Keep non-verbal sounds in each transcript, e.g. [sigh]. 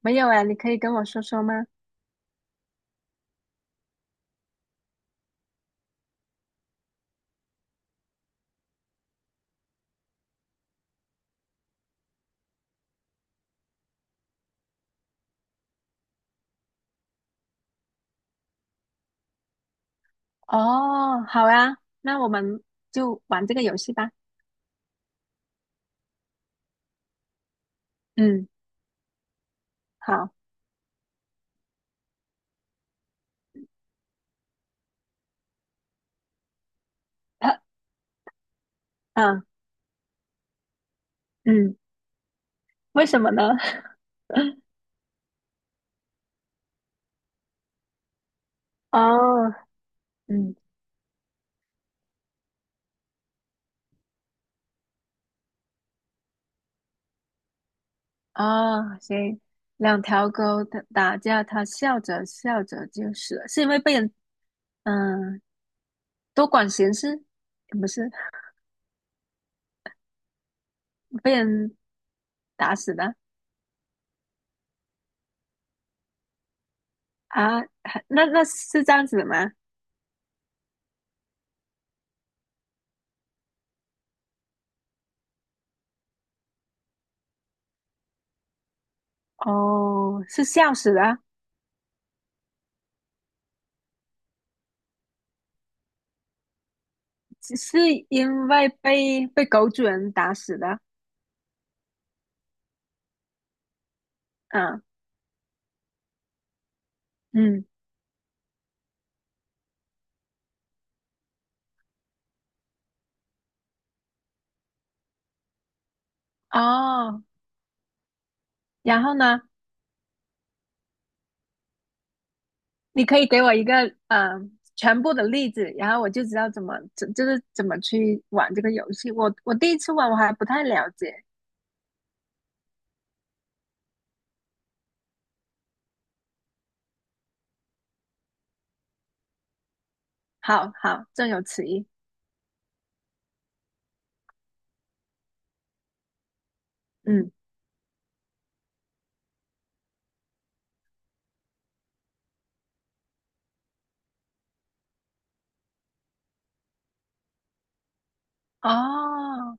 没有哎，你可以跟我说说吗？哦，好啊，那我们就玩这个游戏吧。嗯，好，呃嗯嗯，为什么呢？[laughs] 哦，嗯，哦，行，两条狗打架，它笑着笑着就死了，是因为被人嗯多管闲事，不是被人打死的啊？那是这样子的吗？哦，是笑死的，是因为被狗主人打死的。嗯，嗯，哦，然后呢，你可以给我一个全部的例子，然后我就知道怎么怎就是怎么去玩这个游戏。我第一次玩我还不太了解，好好，正有此意。嗯，哦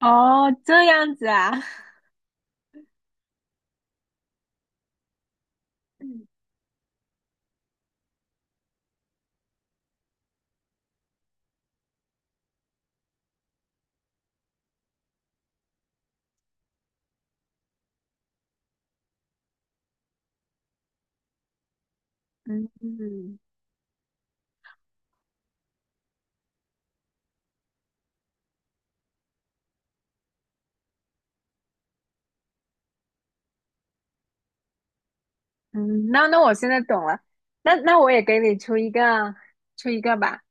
哦，这样子啊，[laughs] 嗯嗯嗯嗯，那那我现在懂了，那那我也给你出一个吧。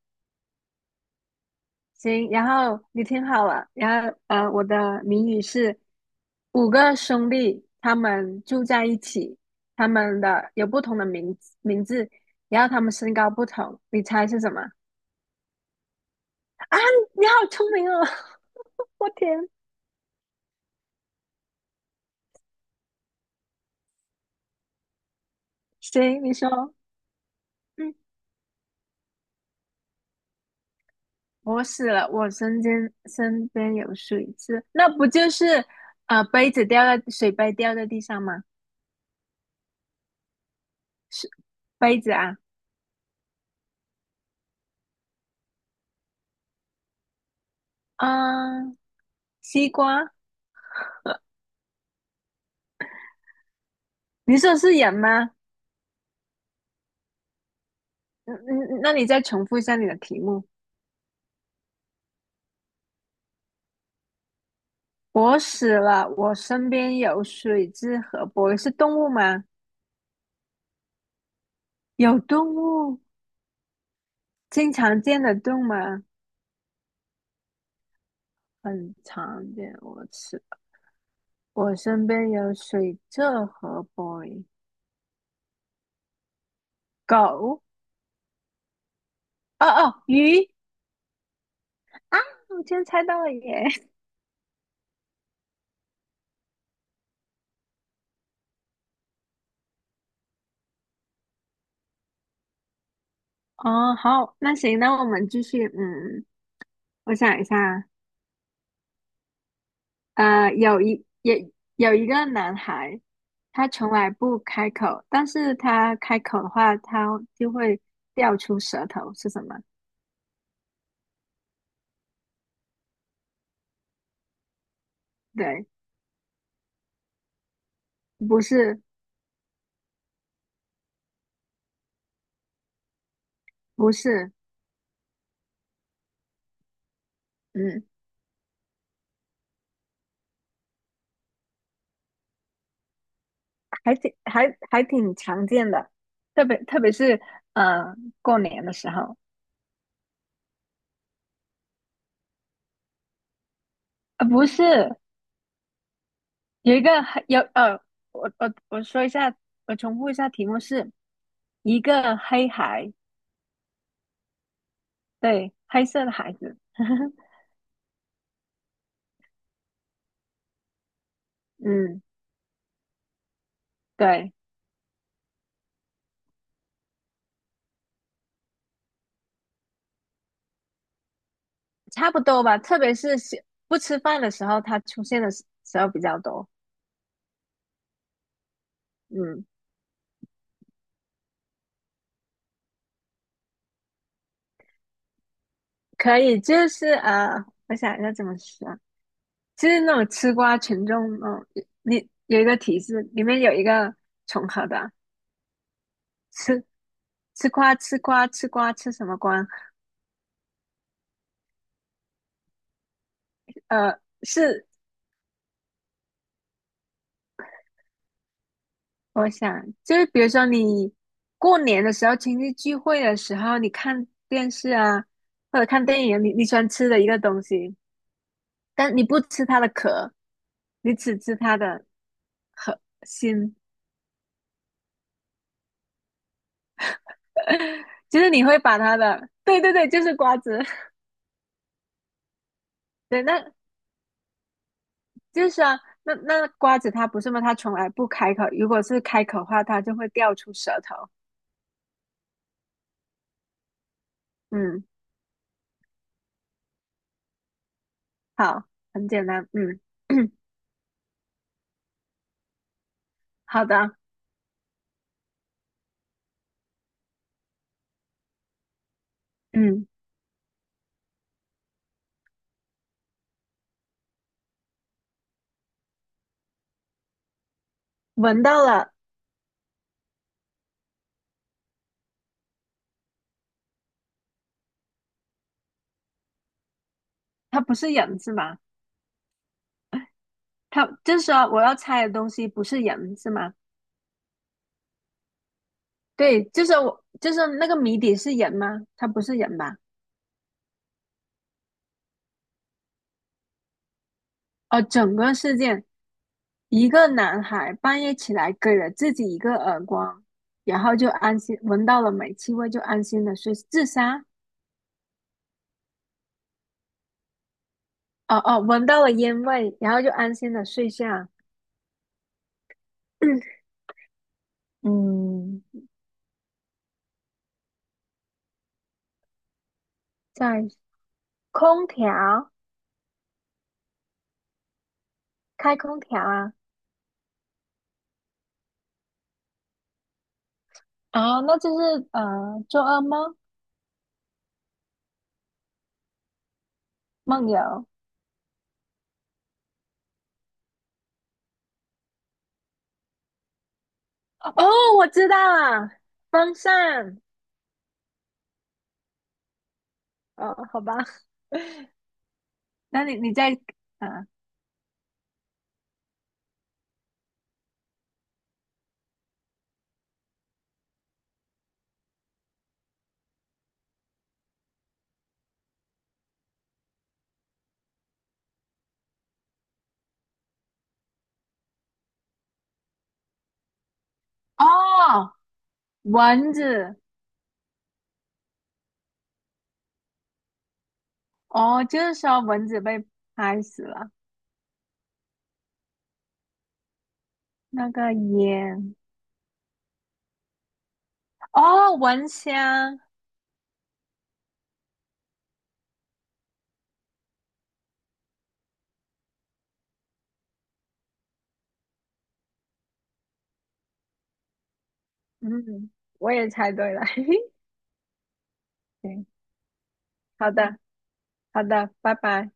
行，然后你听好了，然后我的谜语是五个兄弟，他们住在一起，他们的有不同的名字，然后他们身高不同，你猜是什么？啊，你好聪明哦！[laughs] 我天，行，你说，嗯，我死了，我身边有水渍，那不就是杯子掉在地上吗？是杯子啊，嗯、西瓜，你说是人吗？嗯嗯，那你再重复一下你的题目。我死了，我身边有水蛭和玻是动物吗？有动物，经常见的动物吗？很常见。我吃，我身边有水蛭和玻狗。哦哦，鱼啊！我居然猜到了耶！[laughs] 哦，好，那行，那我们继续。嗯，我想一下啊，呃，有一也有一个男孩，他从来不开口，但是他开口的话，他就会掉出舌头，是什么？对，不是，不是，嗯，还挺常见的，特别是呃过年的时候，不是有一个黑有呃，我说一下，我重复一下题目是一个黑孩，对，黑色的孩子，[laughs] 嗯，对。差不多吧，特别是喜不吃饭的时候，它出现的时候比较多。嗯，可以，我想一下怎么说啊，就是那种吃瓜群众哦，你有一个提示，里面有一个重合的，吃吃瓜吃什么瓜？呃，是我想就是比如说你过年的时候、亲戚聚会的时候，你看电视啊，或者看电影，你你喜欢吃的一个东西。但你不吃它的壳，你只吃它的核心，[laughs] 就是你会把它的，对对对，就是瓜子，[laughs] 对，那就是啊，那那瓜子它不是吗？它从来不开口，如果是开口的话，它就会掉出舌头。嗯，好，很简单，嗯，[coughs] [clears throat] 好的，嗯，闻到了，它不是人是吗？它就是说我要猜的东西不是人是吗？对，就是我，就是那个谜底是人吗？它不是人吧？哦，整个事件。一个男孩半夜起来给了自己一个耳光，然后就安心闻到了煤气味，就安心的睡。自杀？哦哦，闻到了烟味，然后就安心的睡下。[clears throat] 嗯，在空调，开空调啊哦，那就是做噩梦梦游。哦，我知道了，风扇。哦，好吧，[laughs] 那你你在啊？哦，蚊子。哦，就是说蚊子被拍死了。那个烟哦，蚊香，嗯，我也猜对了，[laughs] 嘿嘿，对，好的，好的，拜拜。